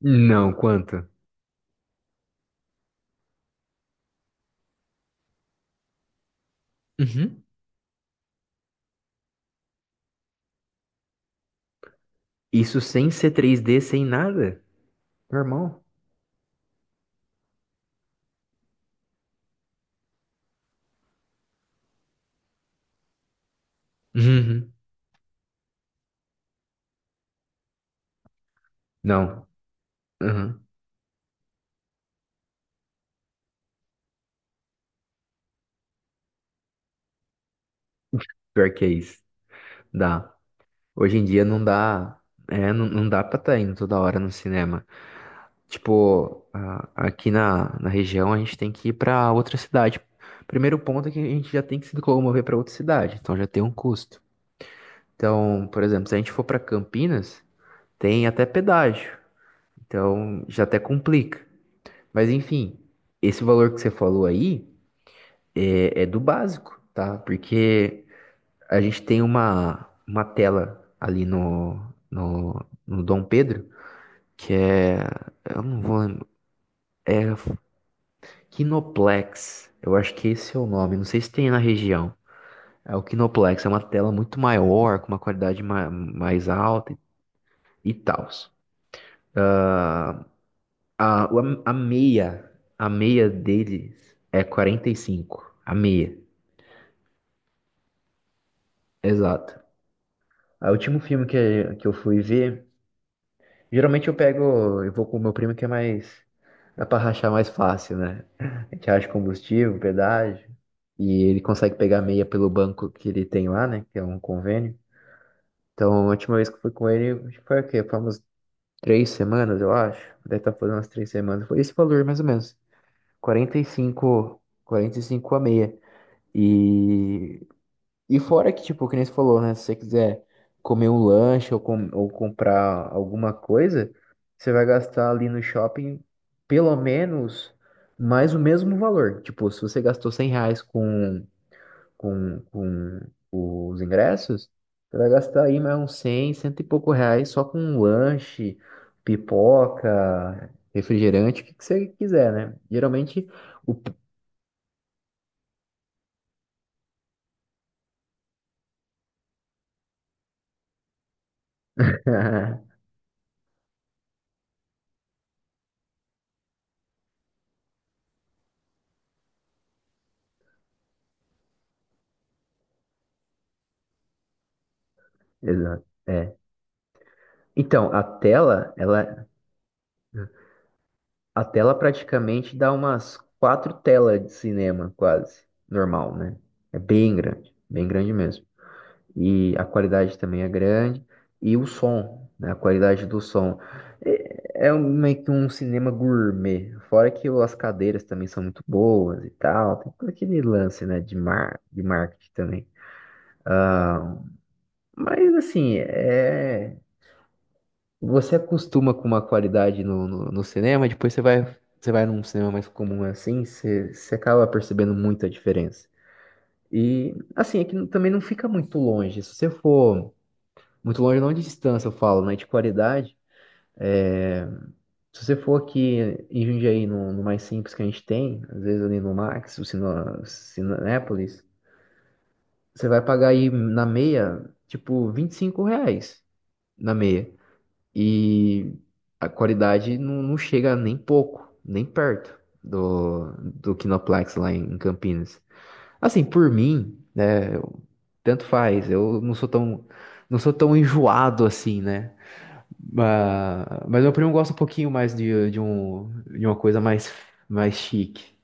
Não, quanto? Uhum. Isso sem ser 3D, sem nada? Normal. Uhum. Não. Uhum. Pior que é isso. Dá. Hoje em dia não dá. É, não, dá pra estar indo toda hora no cinema. Tipo, aqui na região a gente tem que ir pra outra cidade. Primeiro ponto é que a gente já tem que se locomover pra outra cidade, então já tem um custo. Então, por exemplo, se a gente for pra Campinas, tem até pedágio. Então já até complica. Mas enfim, esse valor que você falou aí é do básico, tá? Porque a gente tem uma tela ali no, no Dom Pedro, que é. Eu não vou lembrar. É Kinoplex. Eu acho que esse é o nome. Não sei se tem na região. É o Kinoplex, é uma tela muito maior, com uma qualidade mais alta e tal. Ah, a, o- a meia, a meia deles é 45. A meia, exato. Ah, o último filme que eu fui ver, geralmente eu pego, eu vou com o meu primo que é mais, dá pra rachar mais fácil, né? A gente racha combustível, pedágio, e ele consegue pegar meia pelo banco que ele tem lá, né? Que é um convênio. Então, a última vez que eu fui com ele, acho que foi o quê? Foi umas três semanas, eu acho. Deve estar fazendo umas três semanas. Foi esse valor, mais ou menos. Quarenta e cinco a meia. E E fora que, tipo, que nem você falou, né? Se você quiser comer um lanche ou comprar alguma coisa, você vai gastar ali no shopping pelo menos mais o mesmo valor. Tipo, se você gastou 100 reais com os ingressos, você vai gastar aí mais uns cem, cento e pouco reais só com um lanche, pipoca, refrigerante, o que que você quiser, né? Geralmente, o... Exato. É. Então, a tela, ela. A tela praticamente dá umas quatro telas de cinema, quase. Normal, né? É bem grande mesmo. E a qualidade também é grande. E o som, né? A qualidade do som. É, é meio que um cinema gourmet. Fora que o as cadeiras também são muito boas e tal. Tem todo aquele lance, né? De marketing também. Ah, mas assim, é. Você acostuma com uma qualidade no cinema, depois você vai num cinema mais comum assim, você acaba percebendo muito a diferença. E assim, é que também não fica muito longe. Se você for muito longe, não de distância eu falo, né? De qualidade. É, se você for aqui em Jundiaí, no mais simples que a gente tem, às vezes ali no Max, o Cinépolis, você vai pagar aí na meia, tipo, 25 reais na meia. E a qualidade não, não chega nem pouco, nem perto do, do Kinoplex lá em Campinas. Assim, por mim, né, tanto faz, eu não sou tão, não sou tão enjoado assim, né? Mas meu primo gosta um pouquinho mais de uma coisa mais, mais chique.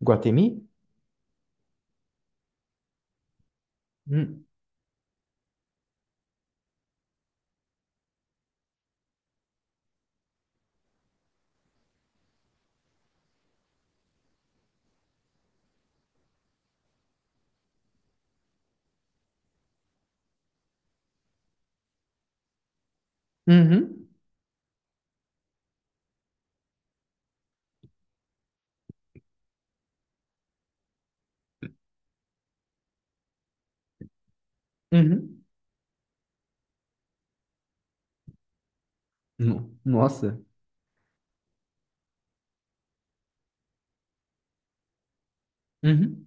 Guatemi? Hum. Uhum. Uhum. No- Nossa. Uhum.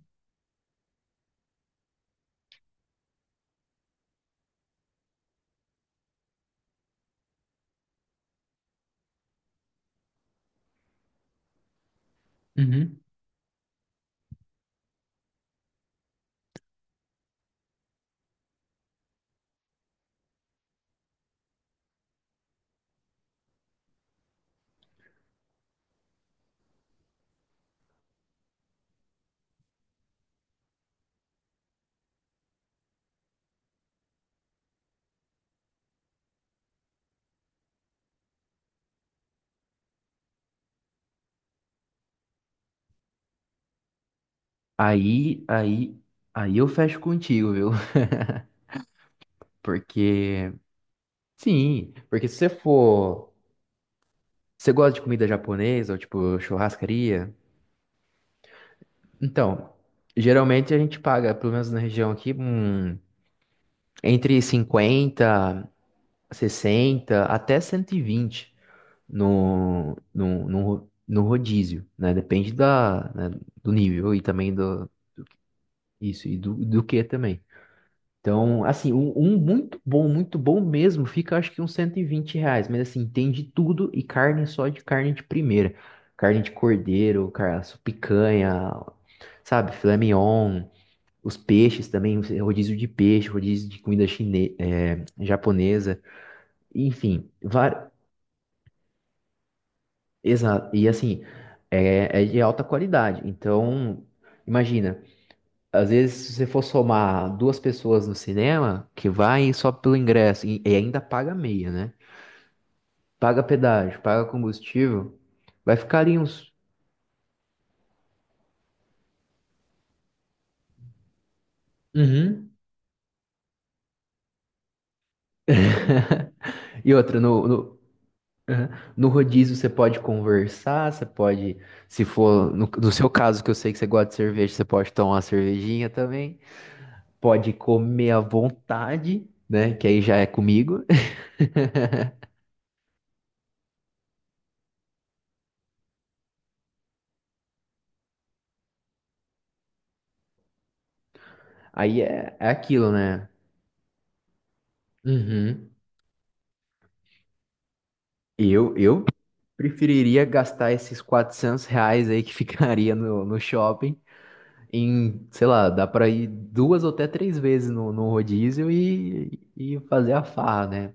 Uhum. Aí, aí, aí eu fecho contigo, viu? Porque sim, porque se você for. Você gosta de comida japonesa ou tipo churrascaria? Então, geralmente a gente paga, pelo menos na região aqui, um, entre 50, 60 até 120 no rodízio, né? Depende da, né, do nível e também do. Isso, e do que também. Então, assim, um muito bom mesmo, fica acho que uns 120 reais, mas assim, tem de tudo e carne só de carne de primeira. Carne de cordeiro, cara, picanha, sabe, filé mignon, os peixes também, rodízio de peixe, rodízio de comida japonesa, enfim, var... exato, e assim, é de alta qualidade. Então, imagina, às vezes, se você for somar duas pessoas no cinema, que vai só pelo ingresso e ainda paga meia, né? Paga pedágio, paga combustível, vai ficar ali uns. Uhum. E outra, Uhum. no rodízio você pode conversar, você pode, se for, no seu caso, que eu sei que você gosta de cerveja, você pode tomar uma cervejinha também, pode comer à vontade, né? Que aí já é comigo. Aí é, é aquilo, né? Uhum. Eu preferiria gastar esses 400 reais aí que ficaria no shopping em, sei lá, dá pra ir duas ou até três vezes no rodízio e fazer a farra, né?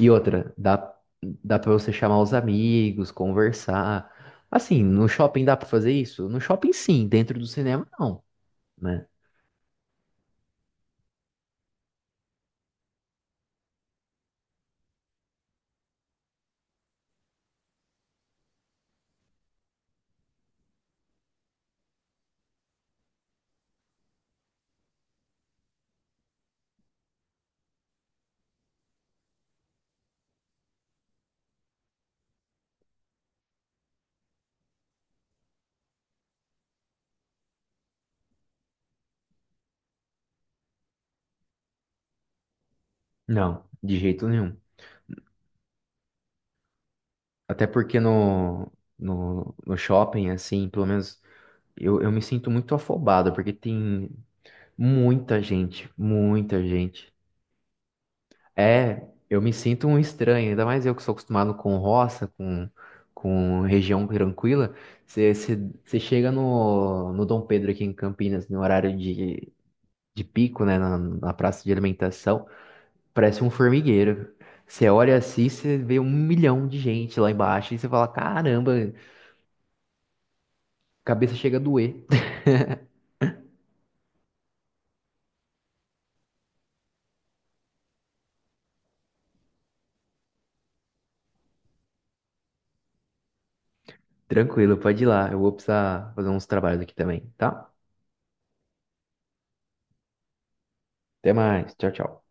E outra, dá pra você chamar os amigos, conversar. Assim, no shopping dá pra fazer isso? No shopping sim, dentro do cinema não, né? Não, de jeito nenhum. Até porque no shopping, assim, pelo menos eu me sinto muito afobado, porque tem muita gente, muita gente. É, eu me sinto um estranho, ainda mais eu que sou acostumado com roça, com região tranquila. Você chega no Dom Pedro aqui em Campinas, no horário de pico, né, na praça de alimentação, parece um formigueiro. Você olha assim, você vê um milhão de gente lá embaixo e você fala: caramba, cabeça chega a doer. Tranquilo, pode ir lá, eu vou precisar fazer uns trabalhos aqui também, tá? Até mais, tchau, tchau.